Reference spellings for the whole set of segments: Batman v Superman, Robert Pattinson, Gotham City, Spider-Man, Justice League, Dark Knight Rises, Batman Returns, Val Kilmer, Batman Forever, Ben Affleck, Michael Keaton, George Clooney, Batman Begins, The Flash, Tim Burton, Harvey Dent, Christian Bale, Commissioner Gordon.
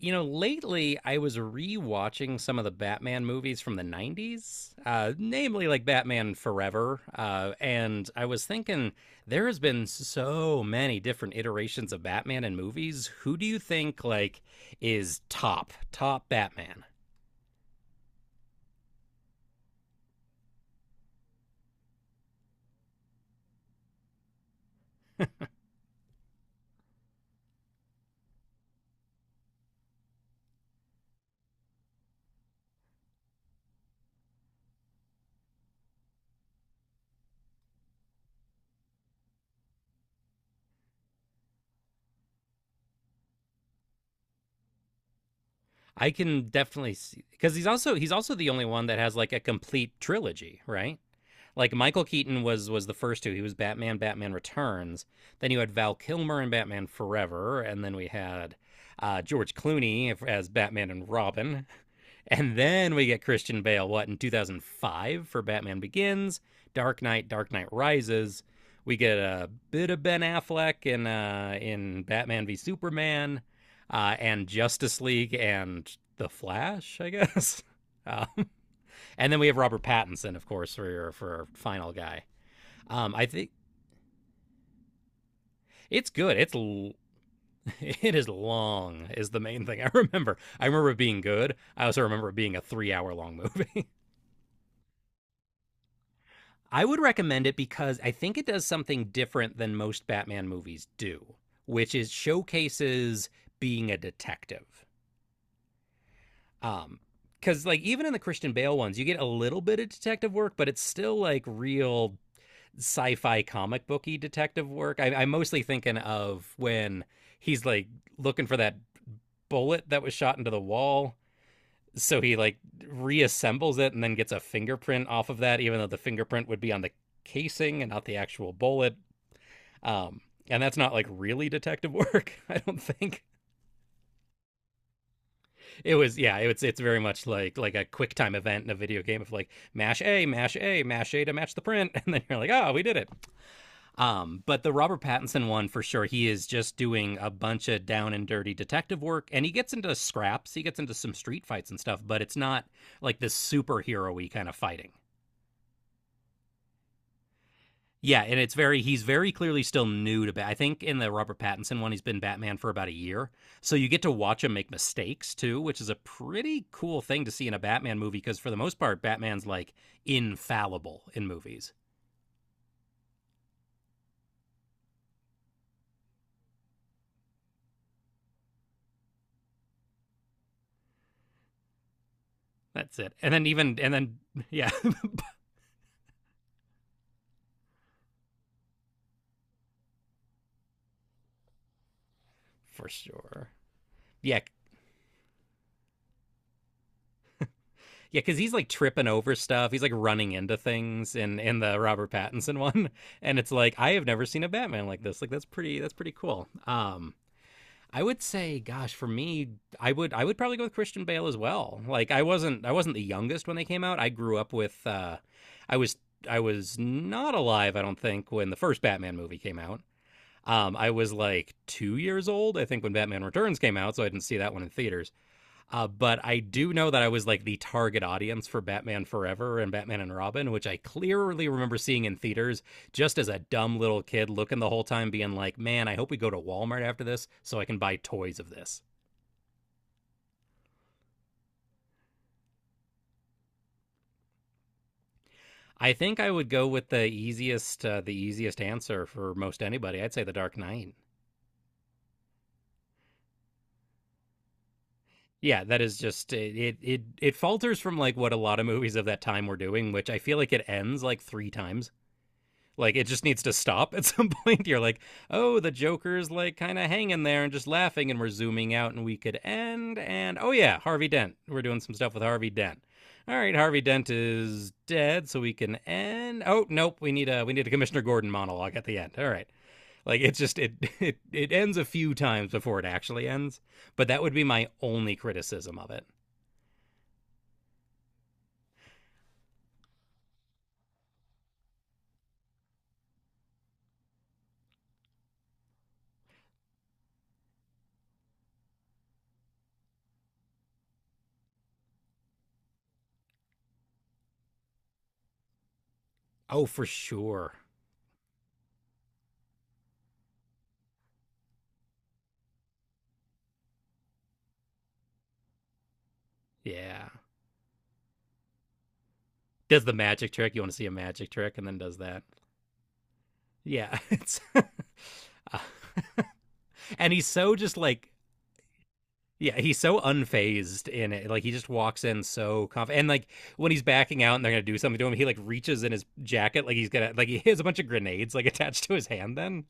You know, lately I was re-watching some of the Batman movies from the 90s, namely like Batman Forever. And I was thinking, there has been so many different iterations of Batman in movies. Who do you think, like, is top, top Batman? I can definitely see, because he's also the only one that has like a complete trilogy, right? Like Michael Keaton was the first two. He was Batman, Batman Returns. Then you had Val Kilmer in Batman Forever, and then we had George Clooney as Batman and Robin, and then we get Christian Bale. What in 2005 for Batman Begins, Dark Knight, Dark Knight Rises. We get a bit of Ben Affleck in Batman v Superman, and Justice League and The Flash, I guess. Uh, and then we have Robert Pattinson, of course, for your for our final guy. I think it's good. It is long is the main thing I remember. I remember it being good. I also remember it being a 3 hour long movie. I would recommend it because I think it does something different than most Batman movies do, which is showcases being a detective. Um, because like even in the Christian Bale ones, you get a little bit of detective work, but it's still like real sci-fi comic booky detective work. I'm mostly thinking of when he's like looking for that bullet that was shot into the wall. So he like reassembles it and then gets a fingerprint off of that, even though the fingerprint would be on the casing and not the actual bullet. Um, and that's not like really detective work. I don't think it was. Yeah, it's very much like a quick time event in a video game of like mash A, mash A, mash A to match the print, and then you're like, oh, we did it. But the Robert Pattinson one for sure, he is just doing a bunch of down and dirty detective work and he gets into scraps, he gets into some street fights and stuff, but it's not like this superhero y kind of fighting. Yeah, and it's very he's very clearly still new to Bat. I think in the Robert Pattinson one he's been Batman for about a year. So you get to watch him make mistakes too, which is a pretty cool thing to see in a Batman movie because for the most part Batman's like infallible in movies. That's it. And then even and then yeah, for sure. Yeah, Yeah, because he's like tripping over stuff. He's like running into things in the Robert Pattinson one, and it's like I have never seen a Batman like this. Like that's pretty cool. I would say, gosh, for me, I would probably go with Christian Bale as well. Like I wasn't the youngest when they came out. I grew up with I was I was not alive. I don't think when the first Batman movie came out. I was like 2 years old, I think, when Batman Returns came out, so I didn't see that one in theaters. But I do know that I was like the target audience for Batman Forever and Batman and Robin, which I clearly remember seeing in theaters just as a dumb little kid looking the whole time, being like, man, I hope we go to Walmart after this so I can buy toys of this. I think I would go with the easiest answer for most anybody. I'd say The Dark Knight. Yeah, that is just it. It falters from like what a lot of movies of that time were doing, which I feel like it ends like three times. Like it just needs to stop at some point. You're like, oh, the Joker's like kind of hanging there and just laughing, and we're zooming out, and we could end. And oh yeah, Harvey Dent. We're doing some stuff with Harvey Dent. All right, Harvey Dent is dead, so we can end. Oh nope, we need a Commissioner Gordon monologue at the end. All right, like it's just it it ends a few times before it actually ends. But that would be my only criticism of it. Oh, for sure. Yeah. Does the magic trick. You want to see a magic trick and then does that. Yeah. It's Uh, and he's so just like yeah, he's so unfazed in it. Like he just walks in so confident. And like when he's backing out and they're gonna do something to him, he like reaches in his jacket like he's gonna like he has a bunch of grenades like attached to his hand. Then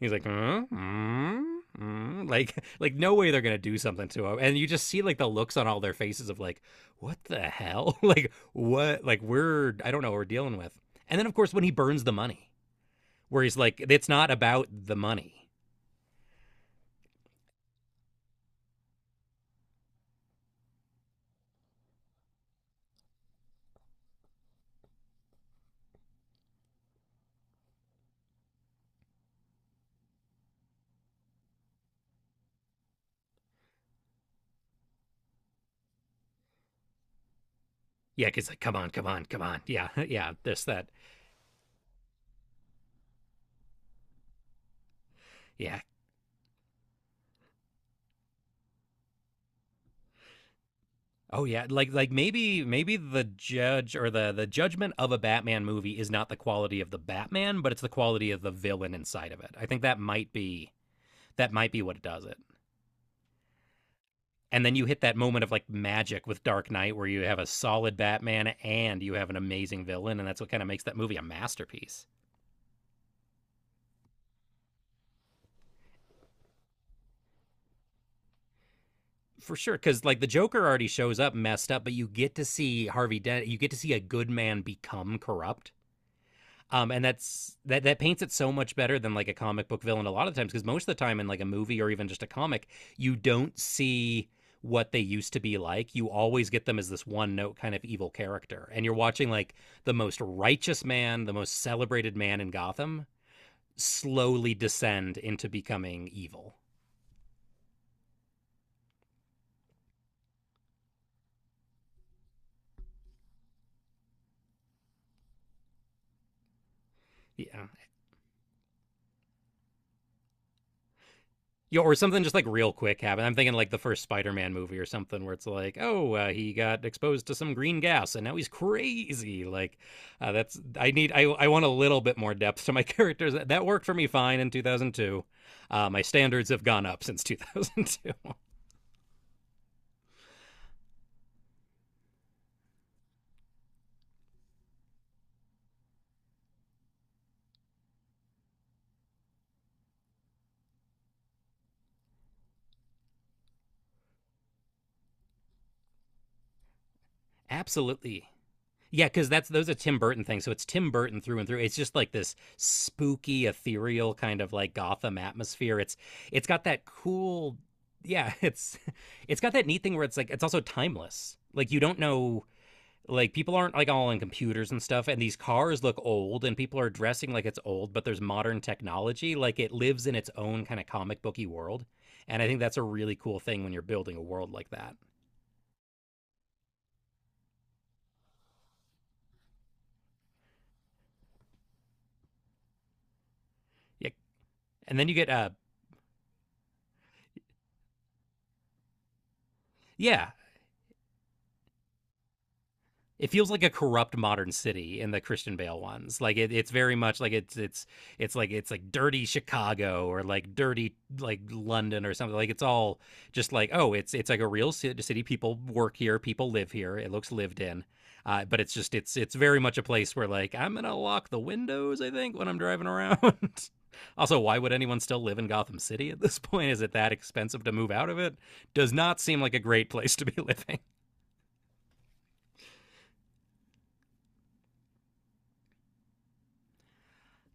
he's like, mm. Like no way they're gonna do something to him. And you just see like the looks on all their faces of like, what the hell? like what? Like we're I don't know what we're dealing with. And then of course when he burns the money, where he's like, it's not about the money. Yeah, because like, come on, come on, come on. Yeah, yeah, this, that. Yeah. Oh yeah, like maybe maybe the judge or the judgment of a Batman movie is not the quality of the Batman, but it's the quality of the villain inside of it. I think that might be what does it. And then you hit that moment of like magic with Dark Knight where you have a solid Batman and you have an amazing villain and that's what kind of makes that movie a masterpiece. For sure cuz like the Joker already shows up messed up, but you get to see Harvey Dent, you get to see a good man become corrupt. And that's that that paints it so much better than like a comic book villain a lot of times because most of the time in like a movie or even just a comic, you don't see what they used to be like. You always get them as this one note kind of evil character. And you're watching like the most righteous man, the most celebrated man in Gotham slowly descend into becoming evil. Yeah. Yeah, or something just like real quick happened. I'm thinking like the first Spider-Man movie or something where it's like, oh, he got exposed to some green gas and now he's crazy. Like, that's I want a little bit more depth to my characters. That worked for me fine in 2002. My standards have gone up since 2002. Absolutely. Yeah, because that's those are Tim Burton things. So it's Tim Burton through and through. It's just like this spooky, ethereal kind of like Gotham atmosphere. It's got that cool, yeah. It's got that neat thing where it's like it's also timeless. Like you don't know. Like people aren't like all on computers and stuff, and these cars look old, and people are dressing like it's old, but there's modern technology. Like it lives in its own kind of comic booky world, and I think that's a really cool thing when you're building a world like that. Yeah, and then you get yeah, it feels like a corrupt modern city in the Christian Bale ones. Like it's very much like it's like dirty Chicago or like dirty like London or something. Like it's all just like oh, it's like a real city. People work here. People live here. It looks lived in. But it's just it's very much a place where like I'm gonna lock the windows. I think when I'm driving around. Also, why would anyone still live in Gotham City at this point? Is it that expensive to move out of it? Does not seem like a great place to be living.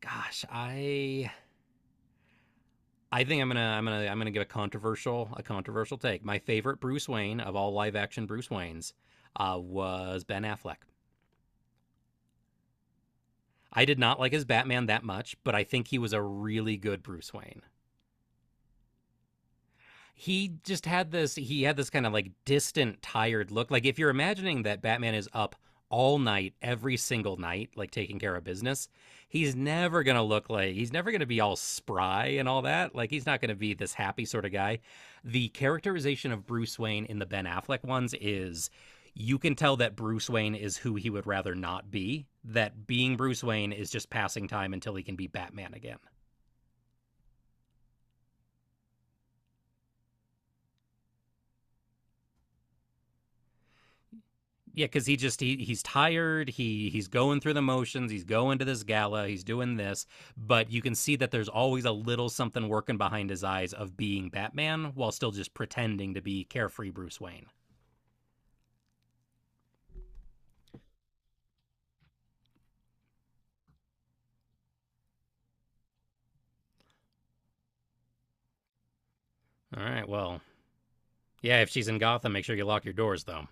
Gosh, I think I'm gonna I'm gonna give a controversial take. My favorite Bruce Wayne of all live action Bruce Waynes was Ben Affleck. I did not like his Batman that much, but I think he was a really good Bruce Wayne. He just had this he had this kind of like distant tired look. Like if you're imagining that Batman is up all night every single night like taking care of business, he's never going to be all spry and all that. Like he's not going to be this happy sort of guy. The characterization of Bruce Wayne in the Ben Affleck ones is you can tell that Bruce Wayne is who he would rather not be, that being Bruce Wayne is just passing time until he can be Batman again. Yeah, because he's tired. He's going through the motions. He's going to this gala. He's doing this, but you can see that there's always a little something working behind his eyes of being Batman while still just pretending to be carefree Bruce Wayne. All right, well, yeah. If she's in Gotham, make sure you lock your doors though.